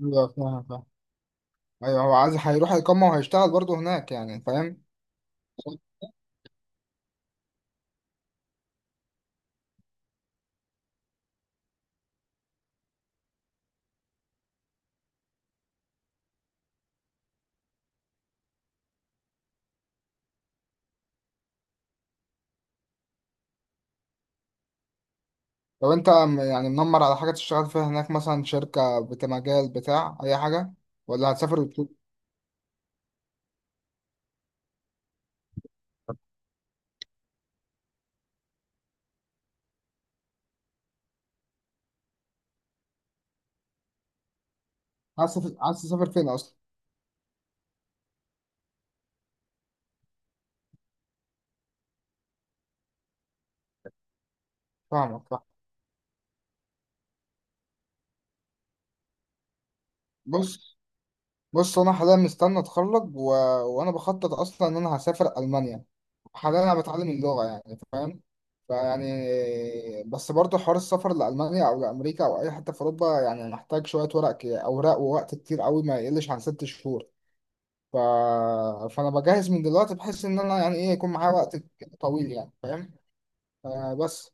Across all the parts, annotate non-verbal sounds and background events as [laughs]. ايوه، فاهم فاهم. ايوه، هو عايز هيروح يقمع وهيشتغل برضه هناك، يعني فاهم. لو انت منمر على حاجه تشتغل فيها هناك، مثلا شركه بتاع مجال بتاع اي حاجه، ولا هتسافر عايز تسافر فين اصلا؟ فاهمك، فاهم. بص، انا حاليا مستني اتخرج وانا بخطط اصلا ان انا هسافر المانيا. حاليا انا بتعلم اللغه، يعني فاهم. فيعني بس برضه حوار السفر لألمانيا أو لأمريكا أو أي حتة في أوروبا يعني محتاج شوية ورق أوراق ووقت كتير قوي ما يقلش عن 6 شهور. ف... فانا بجهز من دلوقتي بحيث ان انا، يعني ايه، يكون معايا وقت طويل، يعني فاهم. آه بس.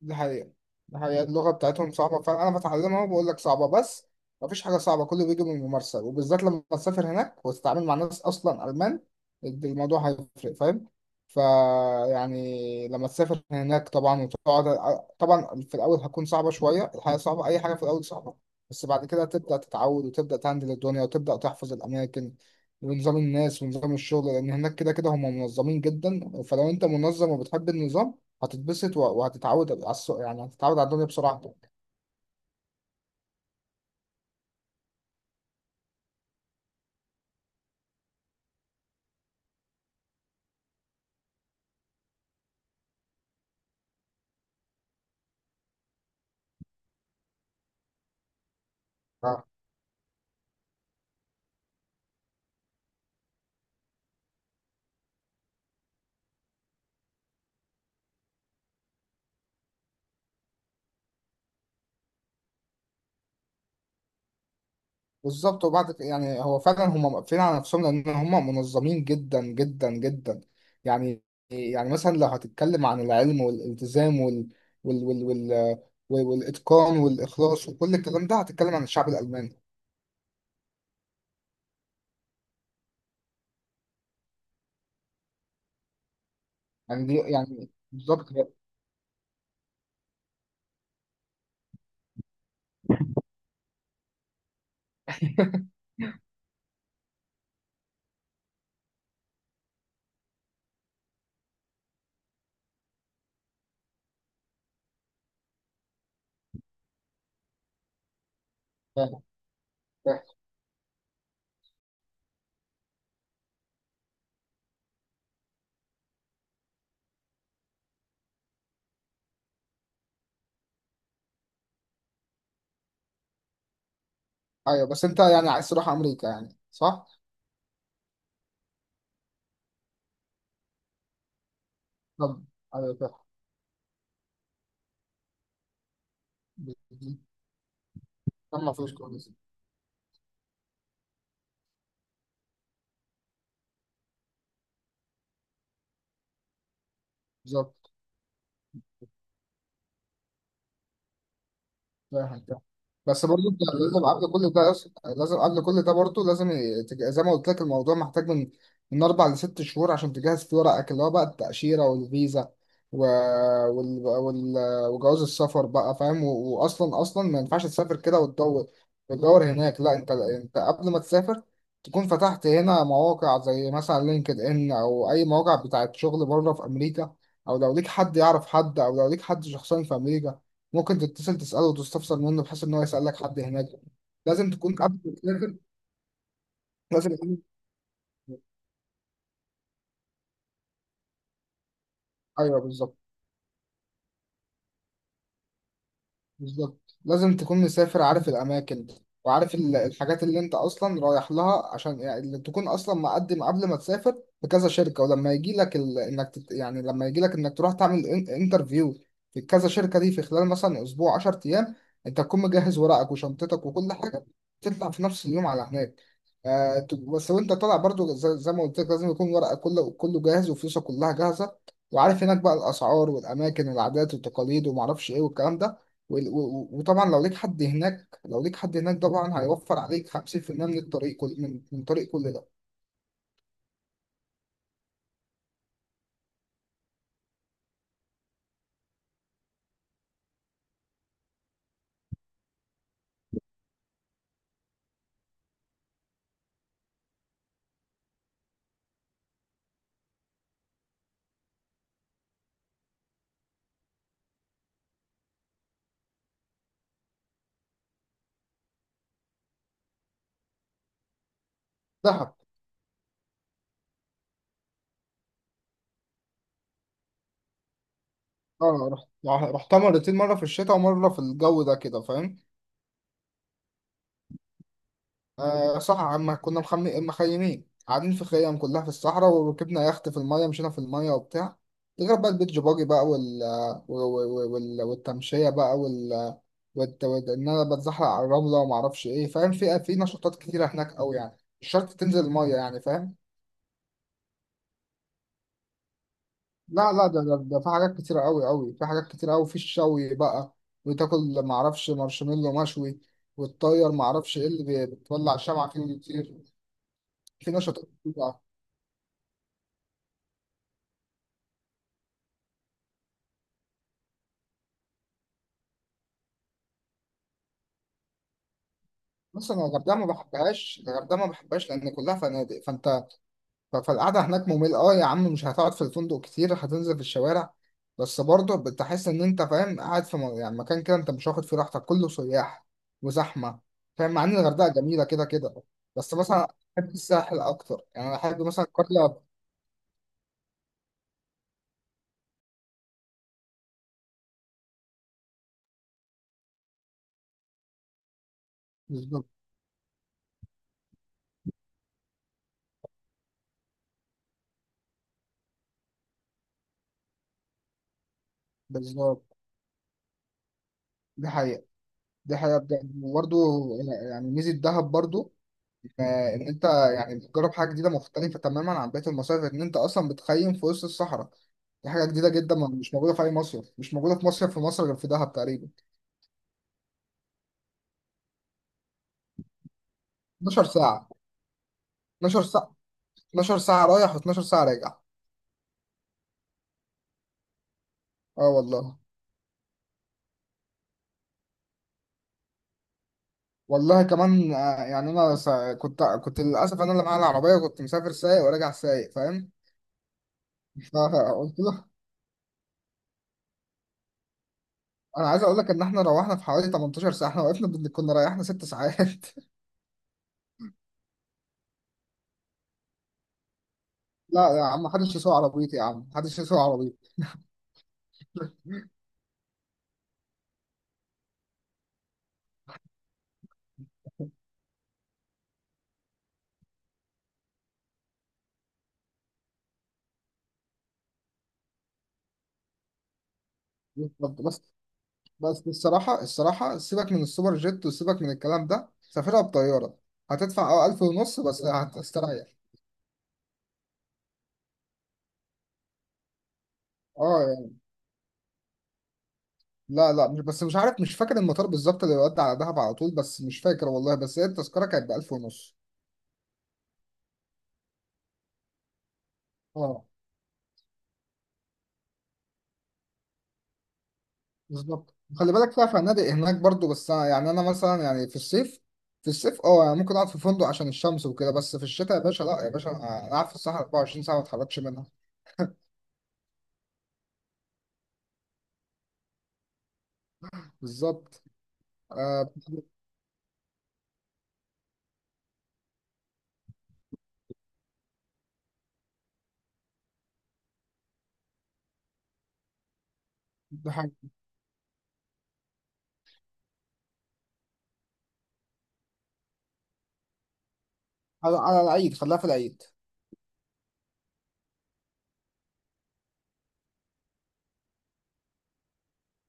دي حقيقة. دي حقيقة اللغة بتاعتهم صعبة فعلا، أنا بتعلمها وبقول لك صعبة، بس مفيش حاجة صعبة، كله بيجي من الممارسة، وبالذات لما تسافر هناك وتتعامل مع ناس أصلا ألمان، الموضوع هيفرق، فاهم. فيعني لما تسافر هناك طبعا وتقعد طبعا في الأول، هتكون صعبة شوية، الحياة صعبة، أي حاجة في الأول صعبة. بس بعد كده تبدأ تتعود وتبدأ تهندل الدنيا وتبدأ تحفظ الأماكن، ونظام الناس ونظام الشغل، لأن هناك كده كده هم منظمين جدا. فلو أنت منظم وبتحب النظام، وهتتعود على السوق، يعني هتتعود على الدنيا بسرعة. اه بالظبط. يعني هو فعلا هم واقفين على نفسهم، لان هم منظمين جدا جدا جدا. يعني يعني مثلا لو هتتكلم عن العلم والالتزام وال وال والاتقان والاخلاص وكل الكلام ده هتتكلم عن الشعب الالماني، يعني دي يعني بالظبط. فاهم فاهم. ايوه بس انت يعني عايز تروح امريكا يعني، صح؟ طب ايوه فاهم. ما فيش كويس. بالظبط فاهم فاهم. بس برضه انت لازم قبل كل ده، أص- لازم قبل كل ده برضه لازم ي- تج- زي ما قلت لك الموضوع محتاج من اربع لست شهور عشان تجهز فيه ورقك اللي هو بقى التأشيرة والفيزا و... وال... وال... وجواز السفر بقى، فاهم، واصلا اصلا ما ينفعش تسافر كده وتدور وتدور هناك. لا انت قبل ما تسافر تكون فتحت هنا مواقع زي مثلا لينكد ان او اي مواقع بتاعت شغل بره في امريكا، او لو ليك حد يعرف حد، او لو ليك حد شخصيا في امريكا، ممكن تتصل تسأله وتستفسر منه بحيث إن هو يسألك حد هناك. لازم تكون قبل، لازم لازم. أيوه بالظبط. بالظبط لازم تكون مسافر عارف الأماكن، وعارف الحاجات اللي أنت أصلا رايح لها، عشان يعني اللي تكون أصلا مقدم قبل ما تسافر بكذا شركة. ولما يجي لك يعني لما يجي لك إنك تروح تعمل انترفيو في كذا شركة دي في خلال مثلا أسبوع، 10 أيام، أنت تكون مجهز ورقك وشنطتك وكل حاجة، تطلع في نفس اليوم على هناك. بس وأنت طالع برضو زي ما قلت لك لازم يكون ورقك كله كله جاهز، وفلوسك كلها جاهزة، وعارف هناك بقى الأسعار والأماكن والعادات والتقاليد ومعرفش إيه والكلام ده، وطبعا لو ليك حد هناك، طبعا هيوفر عليك 50% من الطريق، كل من طريق كل ده. دهب. اه رحتها مرتين، مره في الشتاء ومره في الجو ده كده، فاهم. آه صح عم، كنا مخيمين قاعدين في خيام كلها في الصحراء، وركبنا يخت في الميه، مشينا في الميه وبتاع، غير بقى البيتش باجي بقى والتمشيه بقى ان انا بتزحلق على الرمله وما اعرفش ايه، فاهم. في نشاطات كتيره هناك قوي، يعني مش شرط تنزل الميه، يعني فاهم. لا لا ده في حاجات كتيرة قوي قوي، في حاجات كتيرة قوي، في الشوي بقى، وتاكل معرفش مارشميلو مشوي، وتطير معرفش ايه اللي بتولع شمعة فيه ويطير، في نشاطات كتير بقى. مثلا الغردقة ما بحبهاش، الغردقة ما بحبهاش لأن كلها فنادق، فأنت فالقعدة هناك ممل. اه يا عم مش هتقعد في الفندق كتير، هتنزل في الشوارع، بس برضه بتحس ان انت فاهم قاعد في يعني مكان كده انت مش واخد فيه راحتك، كله سياح وزحمة، فاهم. مع ان الغردقة جميلة كده كده، بس مثلا بحب الساحل اكتر، يعني انا احب مثلا قرية. بالظبط بالظبط. دي حقيقة. دي حقيقة بجد. وبرضه يعني ميزة دهب برضه، آه، ان انت يعني بتجرب حاجة جديدة مختلفة تماما عن بقية المصايف، ان انت اصلا بتخيم في وسط الصحراء، دي حاجة جديدة جدا، مش موجودة في أي مصيف، مش موجودة في مصيف في مصر غير في دهب تقريبا. 12 ساعة. 12 ساعة. 12 ساعة رايح و12 ساعة راجع. اه والله. والله كمان، يعني أنا كنت للأسف أنا اللي معايا العربية كنت مسافر سايق وراجع سايق، فاهم. فقلت له، أنا عايز أقول لك إن إحنا روحنا في حوالي 18 ساعة، إحنا وقفنا كنا ريحنا 6 ساعات [laughs] لا يا عم محدش يسوق عربيتي، يا عم محدش يسوق عربيتي. بس بس الصراحة، سيبك من السوبر جيت وسيبك من الكلام ده، سافرها بطيارة، هتدفع اه 1500 بس هتستريح. اه يعني لا لا مش بس، مش عارف، مش فاكر المطار بالظبط اللي يودي على دهب على طول، بس مش فاكر والله، بس هي التذكرة كانت ب1500. اه بالظبط. خلي بالك فيها فنادق هناك برضو، بس أنا يعني أنا مثلا يعني في الصيف، اه يعني ممكن أقعد في فندق عشان الشمس وكده، بس في الشتاء يا باشا، لا يا باشا أنا قاعد في الصحراء 24 ساعة ما اتحركش منها. بالظبط آه دي حاجة. على على العيد خليها في العيد.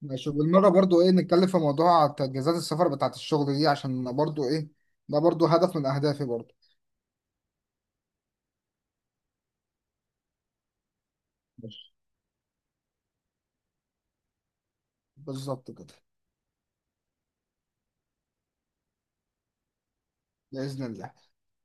ماشي، وبالمرة برضو ايه نتكلم في موضوع تجهيزات السفر بتاعت الشغل دي عشان برضو ايه، ده برضو هدف من اهدافي برضو. ماشي بالظبط كده. بإذن الله.